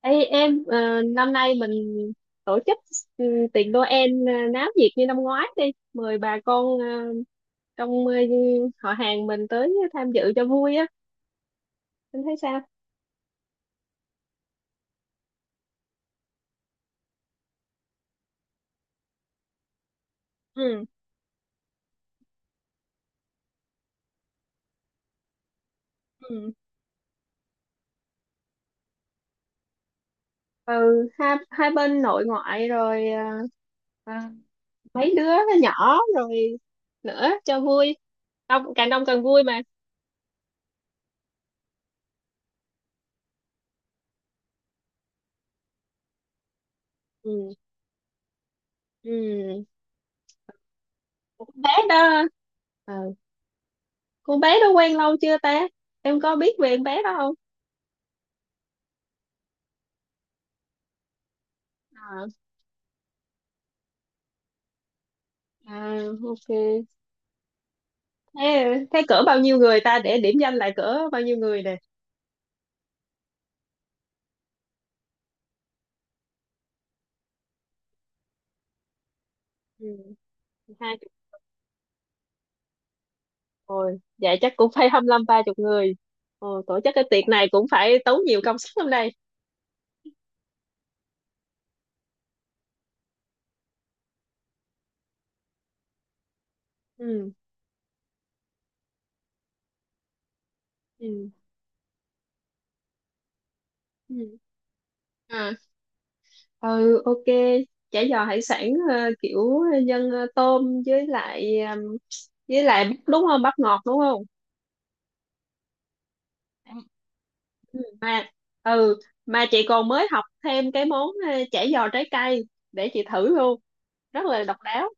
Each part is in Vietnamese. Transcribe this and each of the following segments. Ê em, năm nay mình tổ chức, ừ, tiệc Noel náo nhiệt như năm ngoái đi, mời bà con trong, họ hàng mình tới tham dự cho vui á, em thấy sao? Ừ ừ ừ hai hai bên nội ngoại rồi, ờ, mấy đứa nhỏ rồi nữa cho vui. Đông càng đông càng vui mà. Ừ, ừ, con bé đó, ờ, con bé đó quen lâu chưa ta? Em có biết về con bé đó không? À, à, ok. Thế, thế cỡ bao nhiêu người ta, để điểm danh lại cỡ bao nhiêu người nè? Ừ, hai chục người. Vậy chắc cũng phải 25 ba chục người. Ồ, tổ chức cái tiệc này cũng phải tốn nhiều công sức lắm đây. Ừ. Ừ. Ừ. À. Ừ, ok. Chả giò hải sản, kiểu nhân, tôm với lại, với lại bắp đúng không? Bắp ngọt đúng không? Ừ. Ừ, mà chị còn mới học thêm cái món, chả giò trái cây, để chị thử luôn. Rất là độc đáo.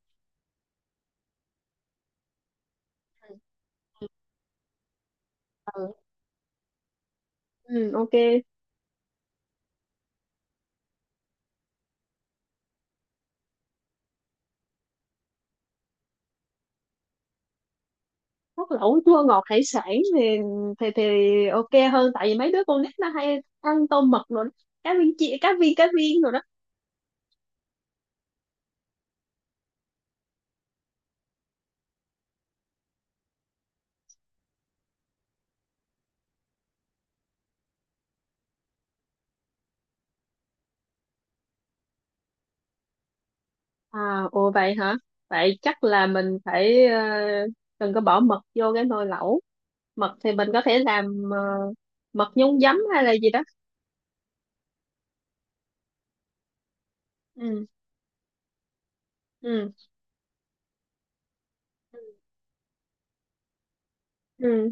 Ừ. Ừ, ok. Hút lẩu chua ngọt hải sản thì thì ok hơn tại vì mấy đứa con nít nó hay ăn tôm mực rồi đó. Cá viên chị, cá viên rồi đó. À, ồ vậy hả. Vậy chắc là mình phải, đừng có bỏ mực vô cái nồi lẩu. Mực thì mình có thể làm, ờ, mực nhúng giấm hay là gì đó. Ừ, ừ, ừ,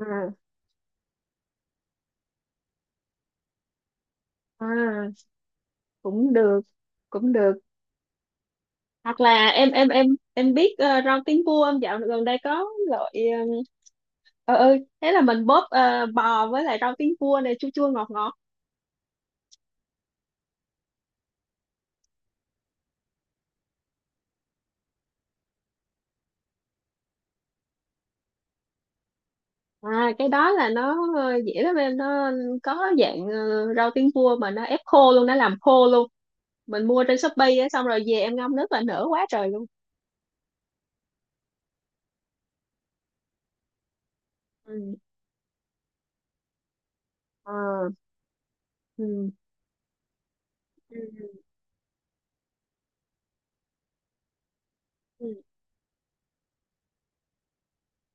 à, à cũng được, cũng được. Hoặc là em biết, rau tiến vua không? Dạo gần đây có loại, ừ, ừ thế là mình bóp, bò với lại rau tiến vua này chua chua ngọt ngọt. À cái đó là nó, dễ lắm em, nó có dạng, rau tiến vua mà nó ép khô luôn, nó làm khô luôn. Mình mua trên Shopee á, xong rồi về em ngâm nước là nở quá trời luôn. Ừ, ờ, ừ. Ừ. Ừ.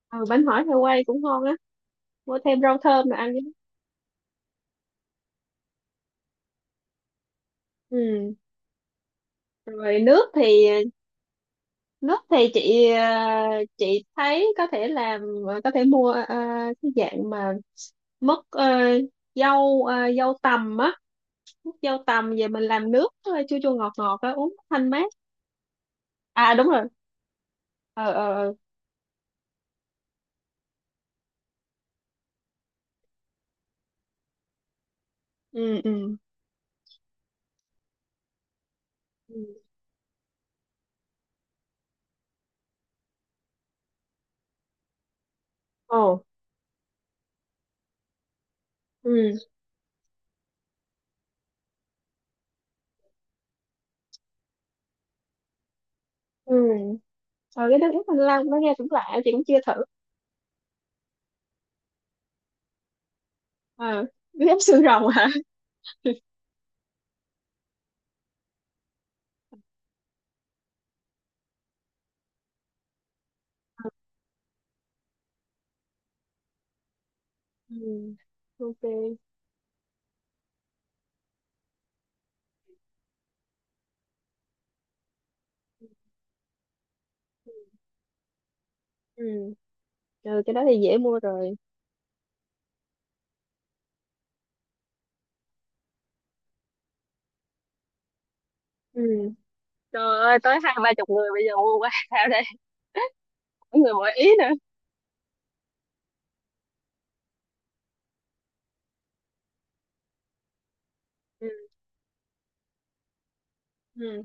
Ừ, bánh hỏi heo quay cũng ngon á, mua thêm rau thơm rồi ăn với. Ừ rồi nước thì. Nước thì chị, chị thấy có thể làm, có thể mua, cái dạng mà mứt, dâu, dâu tằm á, mứt dâu tằm về mình làm nước, chua chua ngọt ngọt á, uống thanh mát. À đúng rồi. Ờ. Ừ, ừ. Ừ. Ồ, ừ, ừ. Ờ cái nước ép thanh long nó nghe cũng lạ, chị cũng chưa thử. Ờ nước ép xương rồng hả? Ừ. ok. Ừ, ừ cái đó thì dễ mua rồi. Ừ trời ơi, tới hai ba chục người bây giờ mua quá sao đây? Mỗi người mỗi ý. Ừ, ừ.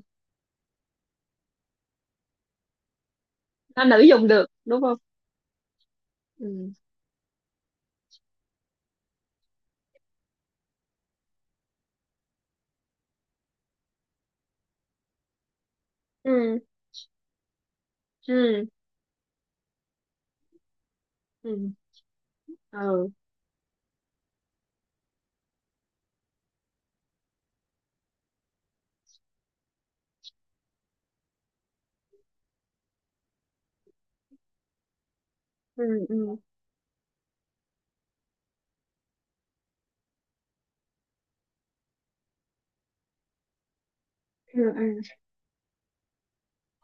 Nam nữ dùng được đúng không? Ừ ừ ừ ừ ừ ừ ừ ừ ừ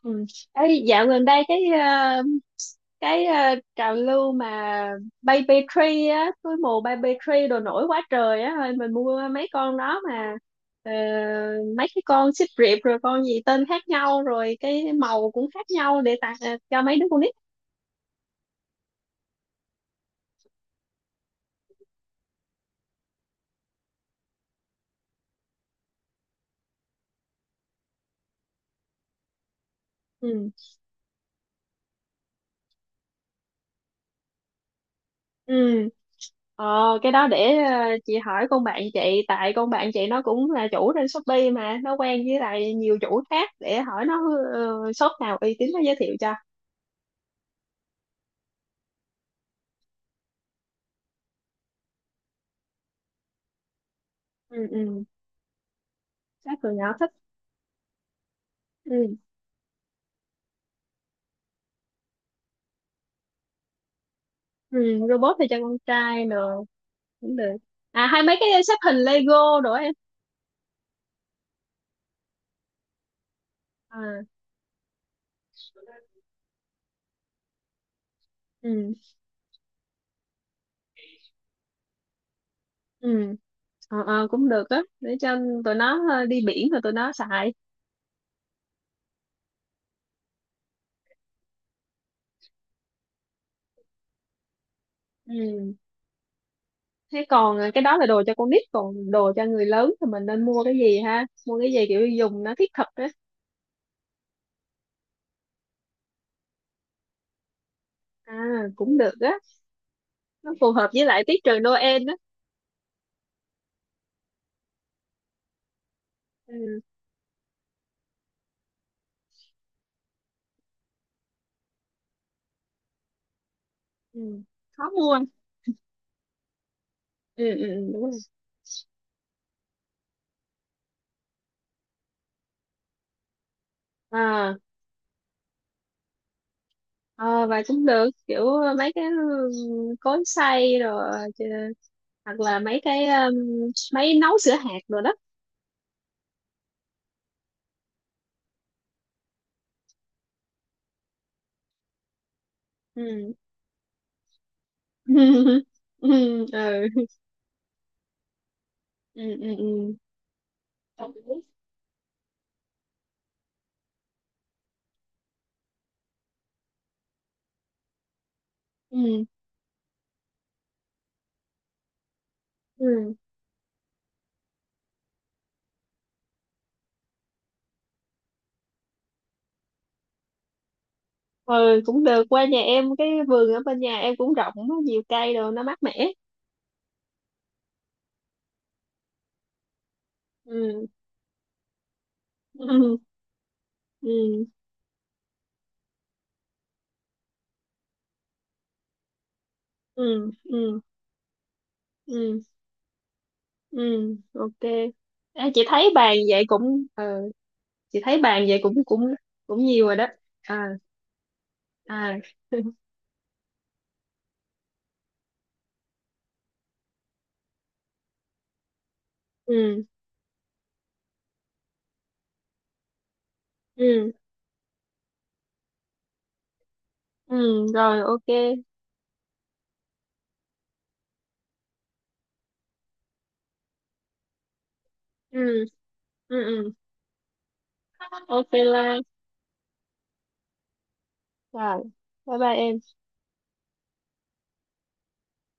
ừ. Ấy, dạo gần đây cái, cái, trào lưu mà baby tree á, túi mù baby tree đồ nổi quá trời á, thôi mình mua mấy con đó mà. Ờ, mấy cái con xích riệp rồi con gì tên khác nhau rồi cái màu cũng khác nhau để tặng, cho mấy đứa con nít. Ừ, ừ. Ờ, cái đó để, chị hỏi con bạn chị, tại con bạn chị nó cũng là chủ trên Shopee mà nó quen với lại nhiều chủ khác, để hỏi nó, shop nào uy tín nó giới thiệu cho. Ừ, ừ chắc tụi nhỏ thích. Ừ, ừ robot thì cho con trai được, cũng được. À hay mấy cái xếp hình Lego đồ em. À, ừ, ừ, ờ, ờ, cũng được á, để cho tụi nó, đi biển rồi tụi nó xài. Ừ thế còn, cái đó là đồ cho con nít, còn đồ cho người lớn thì mình nên mua cái gì ha, mua cái gì kiểu dùng nó thiết thực á. À cũng được á, nó phù hợp với lại tiết trời Noel á. Ừ, ừ. Khó mua. Ừ, ừ, ừ, đúng rồi. À, ờ, và cũng được kiểu mấy cái, ừ, cối xay rồi chứ, hoặc là mấy cái, máy nấu sữa hạt rồi đó. Ừ. ừ, ừ, ừ, ừ, ừ, ừ, ừ, ừ cũng được, qua nhà em cái vườn ở bên nhà em cũng rộng á, nhiều cây đồ nó mát mẻ. Ừ. ừ, ừ, ừ, ừ, ừ, ừ ok. À, chị thấy bàn vậy cũng, chị thấy bàn vậy cũng cũng cũng nhiều rồi đó. À, à, ừ, ừ, ừ rồi ok. Ừ, ừ, ừ ok Lan. Rồi bye bye em.